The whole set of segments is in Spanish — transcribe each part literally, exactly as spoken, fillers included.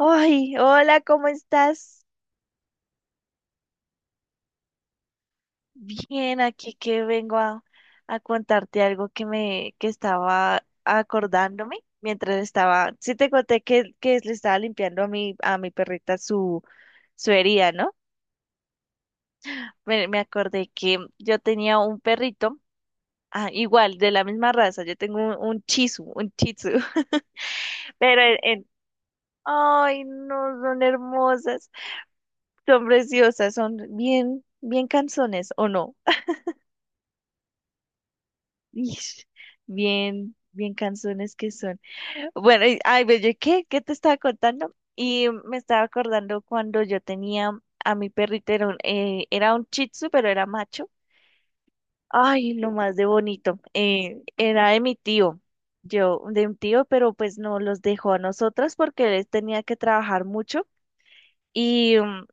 Ay, hola, ¿cómo estás? Bien, aquí que vengo a, a contarte algo que me que estaba acordándome mientras estaba, sí te conté que, que le estaba limpiando a mi a mi perrita su su herida, ¿no? Me, me acordé que yo tenía un perrito, ah, igual, de la misma raza, yo tengo un, un chisu, un chitsu, pero en, en- ay, no, son hermosas, son preciosas, son bien, bien canzones, ¿o no? Ish, bien, bien canzones que son. Bueno, y- ay, ve, yo, ¿qué? ¿Qué te estaba contando? Y me estaba acordando cuando yo tenía a mi perrito, era un, eh, era un Shih Tzu, pero era macho. Ay, lo más de bonito. Eh, era de mi tío, yo, de un tío, pero pues no los dejó a nosotras porque él tenía que trabajar mucho. Y, mm,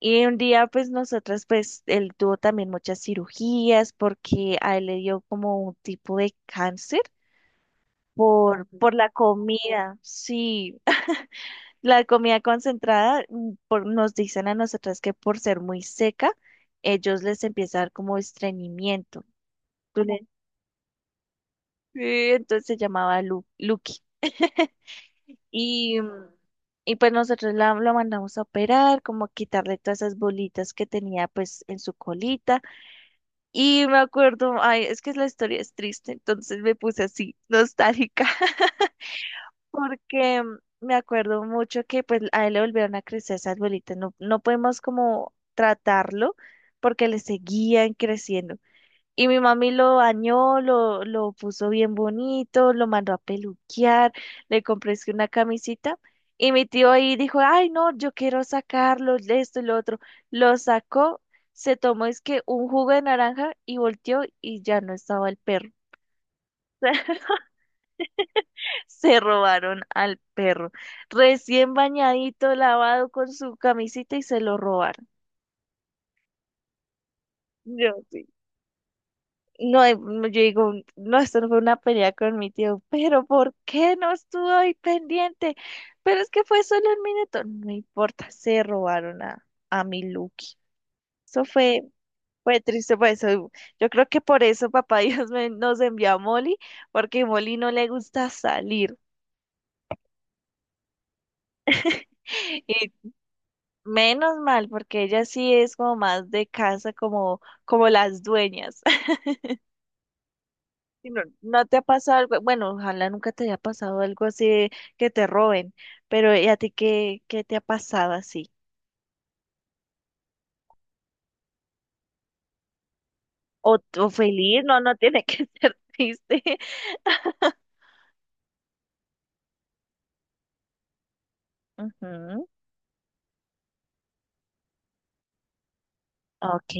y un día, pues nosotras, pues él tuvo también muchas cirugías porque a él le dio como un tipo de cáncer. Por, por la comida, sí, la comida concentrada, mm, por, nos dicen a nosotras que por ser muy seca, ellos les empieza a dar como estreñimiento. Tú le- Sí, entonces se llamaba Lu, Lucky. Y, mm, y pues nosotros la, lo mandamos a operar, como a quitarle todas esas bolitas que tenía pues en su colita. Y me acuerdo, ay, es que la historia es triste, entonces me puse así, nostálgica. Porque me acuerdo mucho que pues a él le volvieron a crecer esas bolitas. No, no podemos como tratarlo porque le seguían creciendo. Y mi mami lo bañó, lo, lo puso bien bonito, lo mandó a peluquear, le compré es que una camisita. Y mi tío ahí dijo, ay no, yo quiero sacarlo, esto y lo otro. Lo sacó, se tomó es que un jugo de naranja y volteó y ya no estaba el perro. Se robaron al perro. Recién bañadito, lavado con su camisita y se lo robaron. Yo sí. No, eh, no, yo digo, no, esto no fue una pelea con mi tío, pero ¿por qué no estuvo ahí pendiente? Pero es que fue solo un minuto. No importa, se robaron a, a mi Lucky. Eso fue, fue triste, por eso. Yo creo que por eso papá Dios me- nos envió a Molly, porque Molly no le gusta salir. y Menos mal, porque ella sí es como más de casa, como, como las dueñas. Y No, no te ha pasado algo, bueno, ojalá nunca te haya pasado algo así de que te roben, pero ¿y a ti qué, qué te ha pasado así? O, o feliz, no, no tiene que ser triste. Ujú. Ok,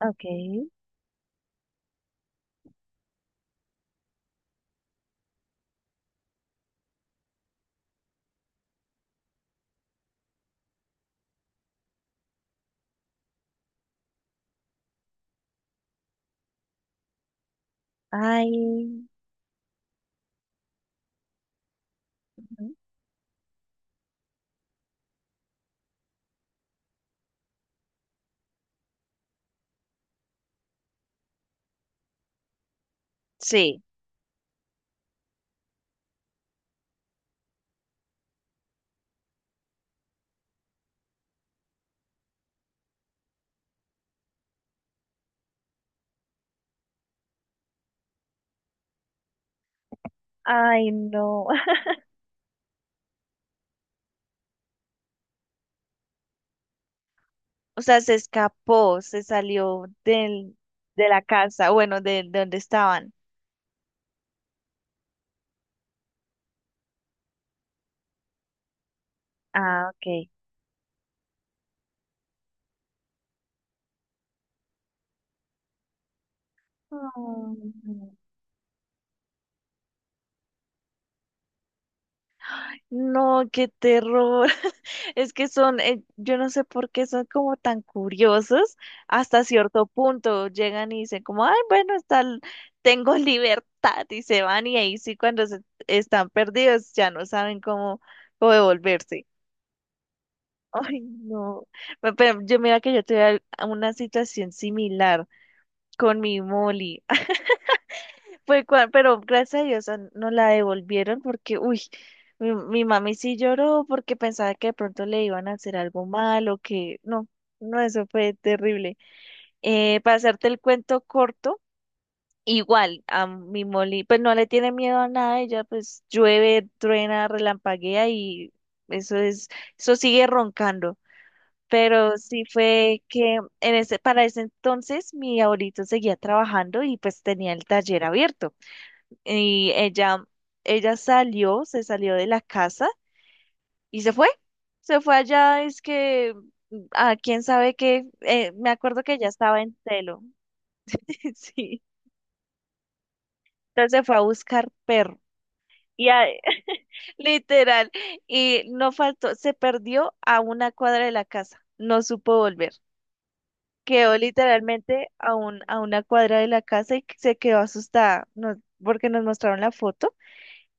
ok. Ay, ujú, sí. Ay, no. O sea, se escapó, se salió del, de la casa, bueno, de, de donde estaban. Ah, ok. Mm, no, qué terror. Es que son, eh, yo no sé por qué son como tan curiosos hasta cierto punto. Llegan y dicen como, ay, bueno, está, l- tengo libertad y se van y ahí sí cuando se- están perdidos ya no saben cómo, cómo devolverse. Ay, no. Pe- Pero yo mira que yo tuve al- una situación similar con mi Molly. Fue cua- pero gracias a Dios ah, no la devolvieron porque, uy, mi, mi mami sí lloró porque pensaba que de pronto le iban a hacer algo malo, que no, no, eso fue terrible. Eh, para hacerte el cuento corto, igual a mi Molly, pues no le tiene miedo a nada, ella pues llueve, truena, relampaguea y eso es, eso sigue roncando. Pero sí fue que en ese, para ese entonces mi abuelito seguía trabajando y pues tenía el taller abierto. Y ella, ella salió, se salió de la casa y se fue. Se fue allá, es que, a quién sabe qué, eh, me acuerdo que ella estaba en Telo. Sí. Entonces se fue a buscar perro. Y a- literal, y no faltó, se perdió a una cuadra de la casa, no supo volver. Quedó literalmente a un, a una cuadra de la casa y se quedó asustada, no, porque nos mostraron la foto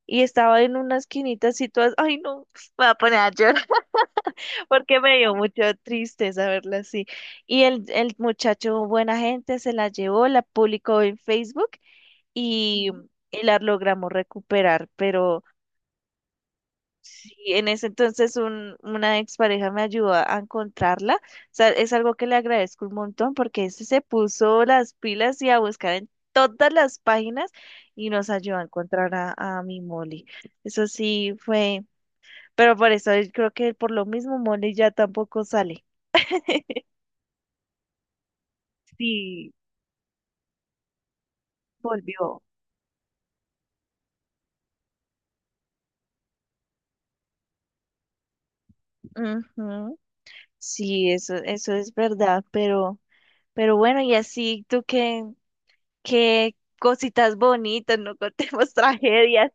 y estaba en una esquinita así todas, ay no, me voy a poner a llorar porque me dio mucha tristeza verla así. Y el, el muchacho, buena gente, se la llevó, la publicó en Facebook y, y la logramos recuperar, pero sí, en ese entonces un, una expareja me ayudó a encontrarla. O sea, es algo que le agradezco un montón porque ese se puso las pilas y a buscar en todas las páginas y nos ayudó a encontrar a, a mi Molly. Eso sí fue. Pero por eso yo creo que por lo mismo Molly ya tampoco sale. Sí, volvió. Ujú. Sí, eso, eso es verdad, pero, pero bueno, y así tú qué, qué cositas bonitas, no contemos tragedias.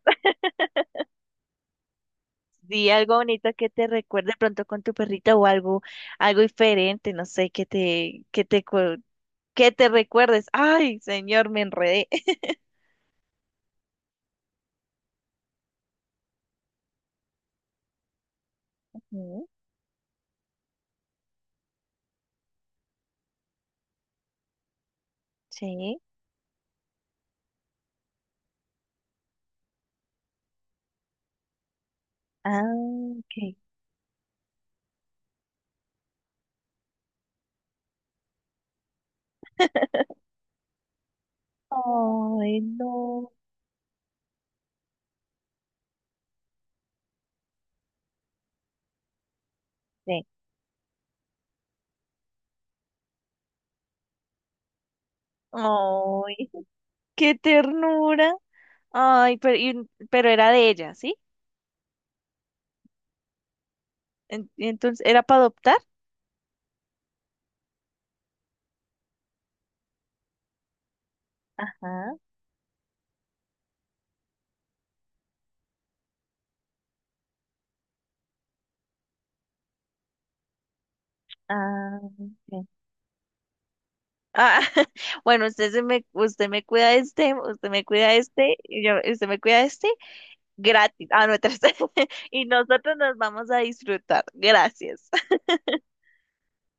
Sí, algo bonito que te recuerde pronto con tu perrita o algo, algo diferente, no sé, que te, que te, cu- que te recuerdes. Ay, señor, me enredé. Ujú. Sí. Ah, ok. Ay, no. Sí. Ay, qué ternura. Ay, pero, y- pero era de ella, ¿sí? En- Entonces, ¿era para adoptar? Ajá. Ah, sí. Ah, bueno, usted se me, usted me cuida este, usted me cuida este, y yo- usted me cuida este, gratis. Ah, no, tres. Y nosotros nos vamos a disfrutar. Gracias.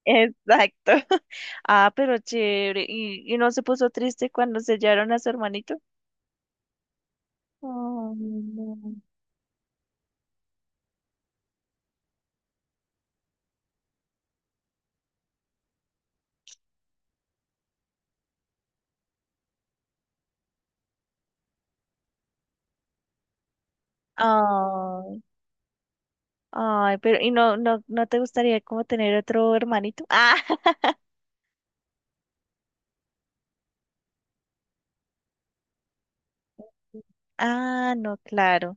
Exacto. Ah, pero chévere. ¿Y, y no se puso triste cuando sellaron a su hermanito? Ay, no. Ay. Ay, pero ¿y no, no, no te gustaría como tener otro hermanito? Ah, ah, no, claro.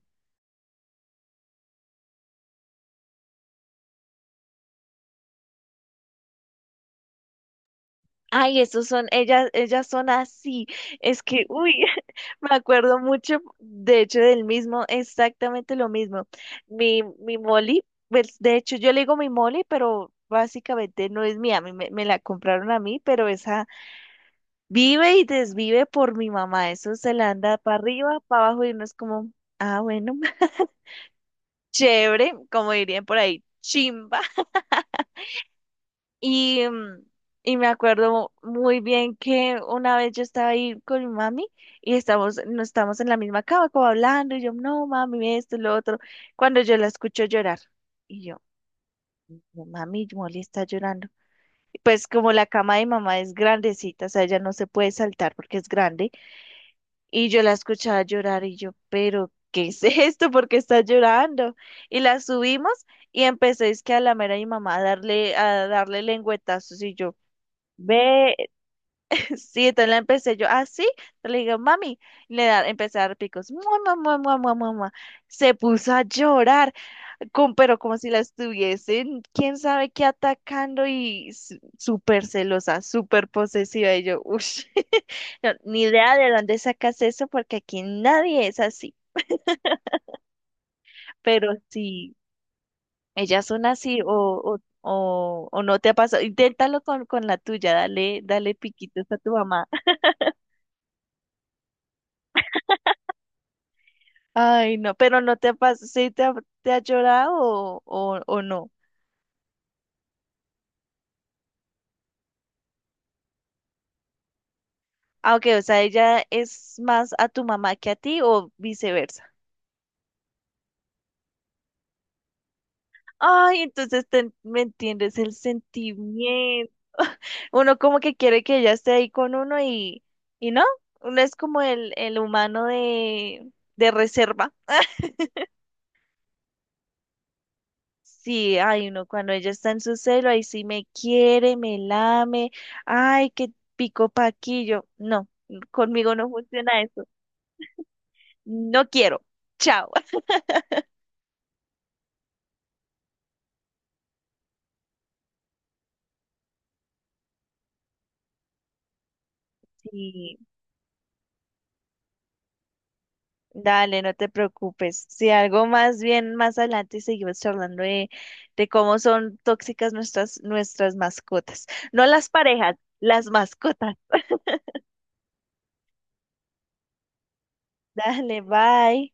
Ay, esos son, ellas, ellas son así. Es que, uy, me acuerdo mucho, de hecho, del mismo, exactamente lo mismo. Mi, mi Molly, pues, de hecho, yo le digo mi Molly, pero básicamente no es mía, a mí me, me la compraron a mí, pero esa vive y desvive por mi mamá. Eso se la anda para arriba, para abajo y uno es como, ah, bueno. Chévere, como dirían por ahí, chimba. Y, mm, y me acuerdo muy bien que una vez yo estaba ahí con mi mami y estamos, no estamos en la misma cama, como hablando, y yo, no, mami, esto, lo otro, cuando yo la escucho llorar. Y yo, "No, mami, Molly está llorando". Pues como la cama de mamá es grandecita, o sea, ella no se puede saltar porque es grande, y yo la escuchaba llorar y yo, pero ¿qué es esto? ¿Por qué está llorando? Y la subimos y empecé es que a lamer a mi mamá a darle, a darle lengüetazos y yo, ve, sí, entonces la empecé yo, ah, sí, entonces le digo, mami, y le da, empecé a dar picos, mua, mua, mua, mua, mua, mua, mua. Se puso a llorar como- pero como si la estuviesen, quién sabe qué atacando y s- súper celosa, súper posesiva. Y yo, uff, ni idea de dónde sacas eso porque aquí nadie es así. Pero si ellas son así o, o, o, o no te ha pasado, inténtalo con, con la tuya, dale, dale piquitos a tu mamá. Ay, no, pero no te ha pasado, ¿sí te ha, te ha llorado o, o, o no? Ah, ok, o sea, ella es más a tu mamá que a ti o viceversa. Ay, entonces te- me entiendes el sentimiento. Uno como que quiere que ella esté ahí con uno y, y no, uno es como el, el humano de, de reserva. Sí, ay, uno cuando ella está en su celo, ahí sí me quiere, me lame, ay, qué pico paquillo. No, conmigo no funciona eso. No quiero. Chao. Dale, no te preocupes. Si algo más bien más adelante seguimos charlando de, de cómo son tóxicas nuestras, nuestras mascotas. No las parejas, las mascotas. Dale, bye.